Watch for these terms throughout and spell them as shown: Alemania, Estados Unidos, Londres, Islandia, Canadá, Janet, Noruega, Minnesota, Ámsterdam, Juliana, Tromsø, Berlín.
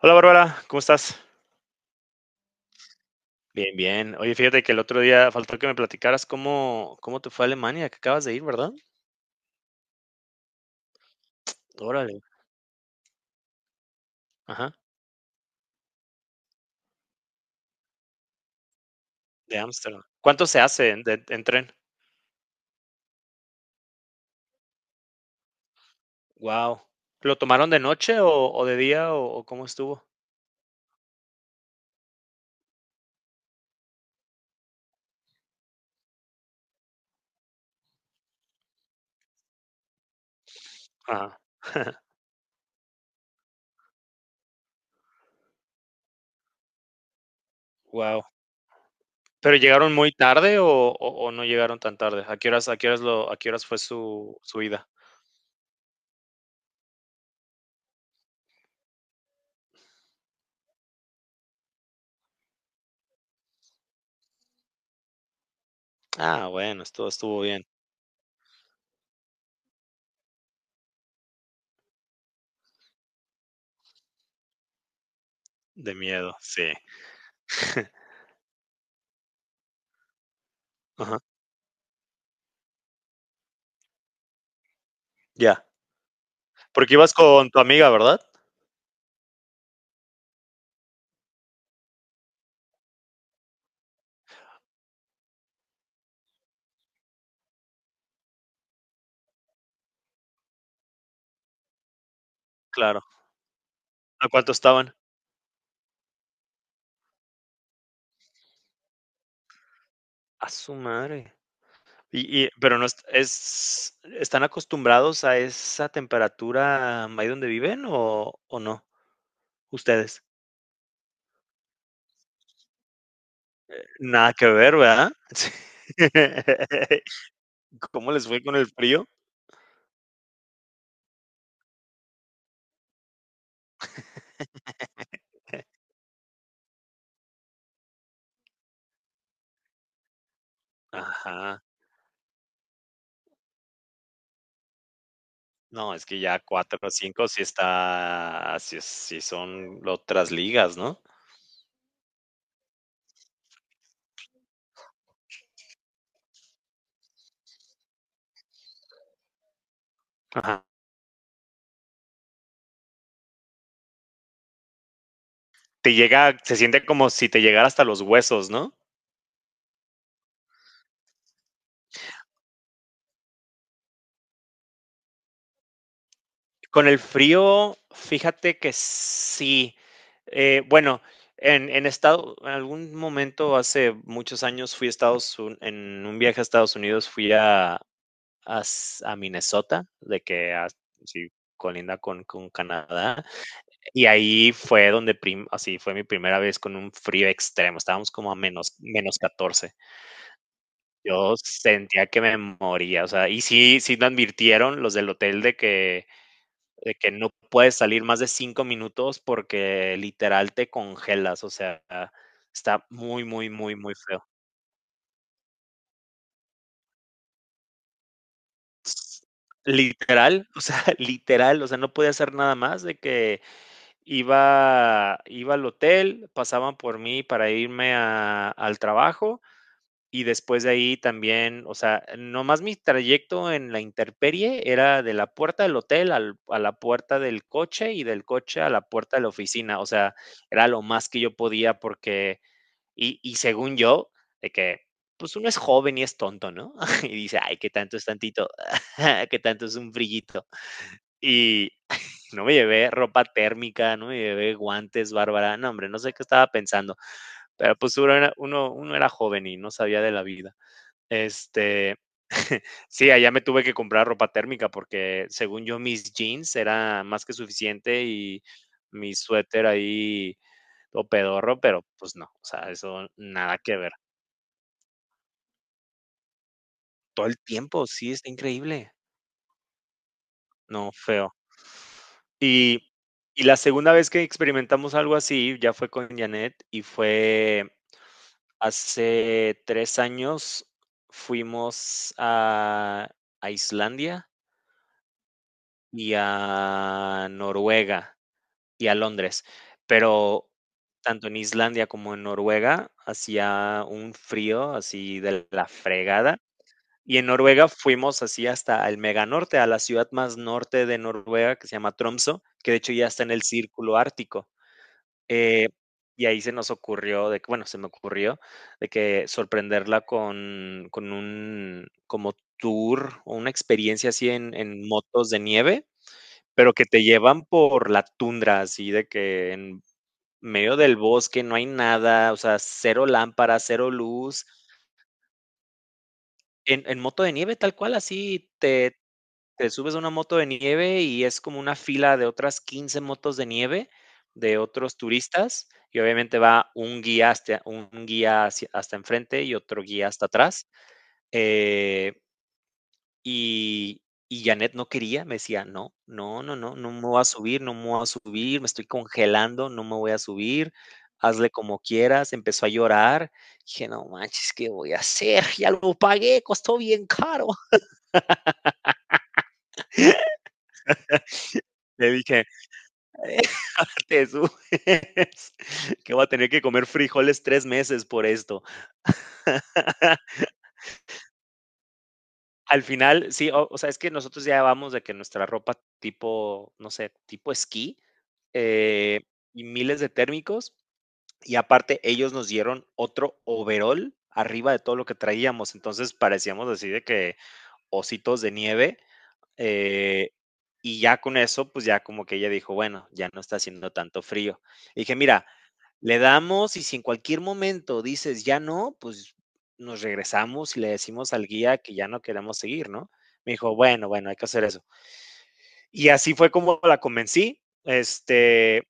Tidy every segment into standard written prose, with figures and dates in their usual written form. Hola Bárbara, ¿cómo estás? Bien, bien. Oye, fíjate que el otro día faltó que me platicaras cómo te fue a Alemania, que acabas de ir, ¿verdad? Órale, ajá, de Ámsterdam. ¿Cuánto se hace en, de- en tren? Wow. ¿Lo tomaron de noche o de día o cómo estuvo? Ajá, wow. ¿Pero llegaron muy tarde o no llegaron tan tarde? A qué horas lo, a qué horas fue su, su ida? Ah, bueno, estuvo bien. De miedo, sí. Ajá, ya. Porque ibas con tu amiga, ¿verdad? Claro. ¿A cuánto estaban? A su madre. Y, pero no es ¿están acostumbrados a esa temperatura ahí donde viven o no? ¿Ustedes? Nada que ver, ¿verdad? Sí. ¿Cómo les fue con el frío? Ajá. No, es que ya cuatro o 5 sí está ah, sí es sí son otras ligas, ¿no? Ajá. Te llega Se siente como si te llegara hasta los huesos, ¿no? Con el frío, fíjate que sí. Bueno, en algún momento hace muchos años fui a Estados Unidos, en un viaje a Estados Unidos fui a, s- a Minnesota, sí, colinda con Canadá, y ahí fue donde, así fue mi primera vez con un frío extremo, estábamos como a menos, menos 14. Yo sentía que me moría, o sea, y sí, sí me advirtieron los del hotel de que no puedes salir más de cinco minutos porque literal te congelas, o sea, está muy, muy, muy, muy feo. S- Literal, o sea, literal, o sea, no podía hacer nada más de que iba al hotel, pasaban por mí para irme al trabajo. Y después de ahí también, o sea, nomás mi trayecto en la intemperie era de la puerta del hotel al a la puerta del coche, y del coche a la puerta de la oficina. O sea, era lo más que yo podía porque según yo, de que, pues, uno es joven y es tonto, ¿no? Y dice: "Ay, qué tanto es tantito, qué tanto es un frillito". Y no me llevé ropa térmica, no me llevé guantes, Bárbara. No, hombre, no sé qué estaba pensando, pero, pues, uno era joven y no sabía de la vida. Este, sí, allá me tuve que comprar ropa térmica porque según yo mis jeans era más que suficiente y mi suéter ahí todo pedorro, pero pues no, o sea, eso nada que ver. Todo el tiempo, sí, está increíble. No, feo. Y, y la segunda vez que experimentamos algo así ya fue con Janet y fue hace tres años. Fuimos a Islandia y a Noruega y a Londres, pero tanto en Islandia como en Noruega hacía un frío así de la fregada. Y en Noruega fuimos así hasta el mega norte, a la ciudad más norte de Noruega, que se llama Tromsø, que de hecho ya está en el círculo ártico. Eh, y ahí se nos ocurrió, de que, bueno, se me ocurrió, de que sorprenderla con un como tour o una experiencia así en motos de nieve, pero que te llevan por la tundra, así de que en medio del bosque no hay nada, o sea, cero lámparas, cero luz. En moto de nieve, tal cual, así te, te subes a una moto de nieve y es como una fila de otras 15 motos de nieve de otros turistas y obviamente va un guía hasta, un guía hasta enfrente y otro guía hasta atrás. Eh, Y y Janet no quería, me decía: "No, no, no, no, no me voy a subir, no me voy a subir, me estoy congelando, no me voy a subir, hazle como quieras". Empezó a llorar. Dije: "No manches, ¿qué voy a hacer? Ya lo pagué, costó bien caro". Le dije: "Te subes, que voy a tener que comer frijoles 3 meses por esto". Al final, sí, o sea, es que nosotros ya vamos de que nuestra ropa tipo, no sé, tipo esquí, eh, y miles de térmicos. Y aparte, ellos nos dieron otro overol arriba de todo lo que traíamos. Entonces parecíamos así de que ositos de nieve. eh, y ya con eso, pues ya como que ella dijo, bueno, ya no está haciendo tanto frío. Y dije, mira, le damos y si en cualquier momento dices ya no, pues nos regresamos y le decimos al guía que ya no queremos seguir, ¿no? Me dijo, bueno, bueno, hay que hacer eso. Y así fue como la convencí. Este,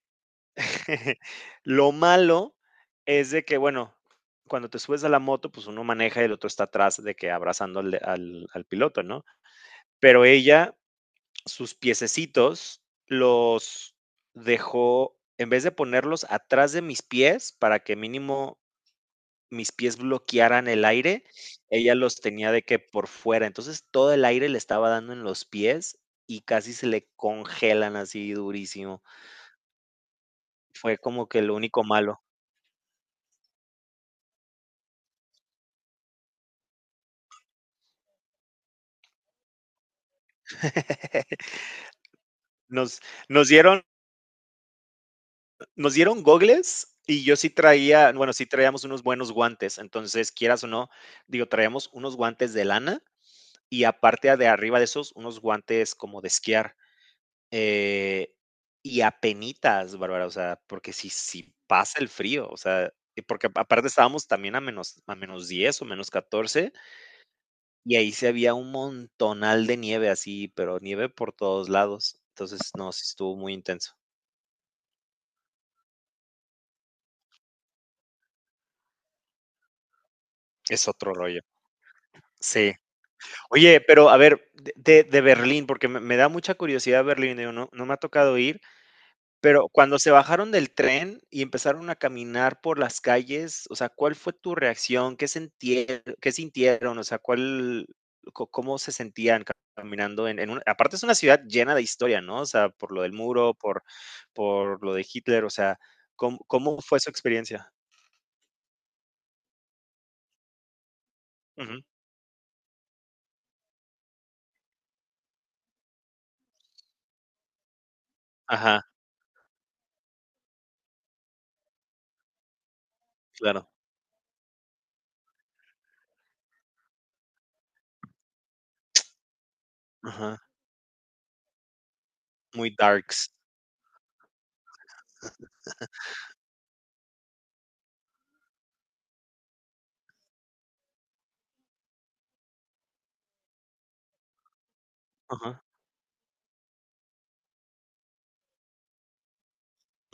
lo malo es de que, bueno, cuando te subes a la moto, pues uno maneja y el otro está atrás de que abrazando al, al piloto, ¿no? Pero ella, sus piececitos, los dejó, en vez de ponerlos atrás de mis pies para que mínimo mis pies bloquearan el aire, ella los tenía de que por fuera. Entonces todo el aire le estaba dando en los pies y casi se le congelan así durísimo. Fue como que lo único malo. Nos, nos dieron, nos dieron gogles y yo sí traía, bueno, sí traíamos unos buenos guantes, entonces quieras o no, digo, traíamos unos guantes de lana y aparte de arriba de esos, unos guantes como de esquiar. eh, y apenitas, Bárbara, o sea, porque si, si pasa el frío, o sea, y porque aparte estábamos también a menos 10 o menos 14 y ahí se había un montonal de nieve así, pero nieve por todos lados. Entonces, no, sí estuvo muy intenso. Es otro rollo. Sí. Oye, pero a ver, de, de Berlín, porque me da mucha curiosidad Berlín, digo, no, no me ha tocado ir, pero cuando se bajaron del tren y empezaron a caminar por las calles, o sea, ¿cuál fue tu reacción? ¿Qué sintieron? ¿Qué sintieron? O sea, ¿cuál, cómo se sentían caminando en una, aparte es una ciudad llena de historia, ¿no? O sea, por lo del muro, por lo de Hitler, o sea, ¿cómo, cómo fue su experiencia? Ujú. Ajá, claro. Ajá. Muy darks. Ajá,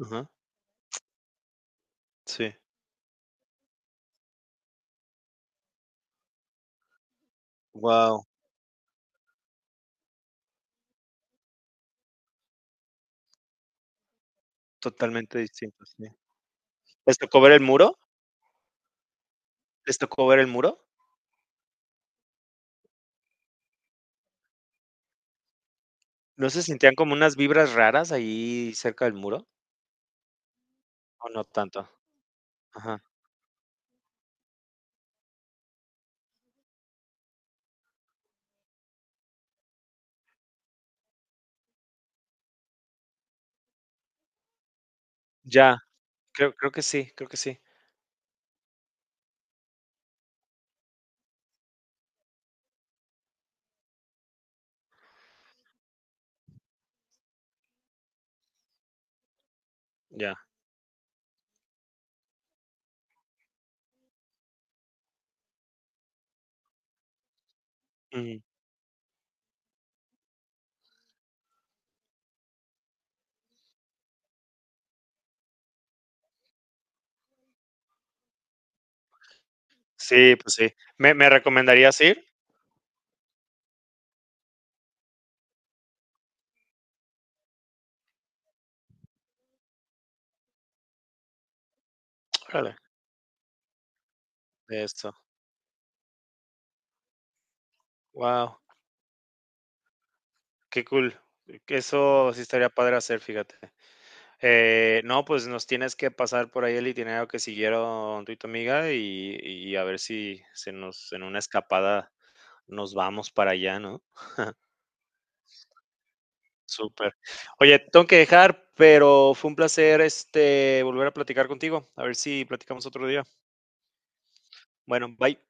ajá. Sí. Wow. Totalmente distintos, sí. ¿Les tocó ver el muro? ¿Les tocó ver el muro? ¿No se sentían como unas vibras raras ahí cerca del muro? ¿O no tanto? Ajá. Ya, creo que sí, creo que sí. Ya. Ujú. Sí, pues sí. ¿Me recomendarías ir? Órale, de Esto. Wow. Qué cool. Que eso sí estaría padre hacer, fíjate. No, pues nos tienes que pasar por ahí el itinerario que siguieron tú y tu amiga y a ver si se nos en una escapada nos vamos para allá, ¿no? Súper. Oye, tengo que dejar, pero fue un placer, este, volver a platicar contigo. A ver si platicamos otro día. Bueno, bye.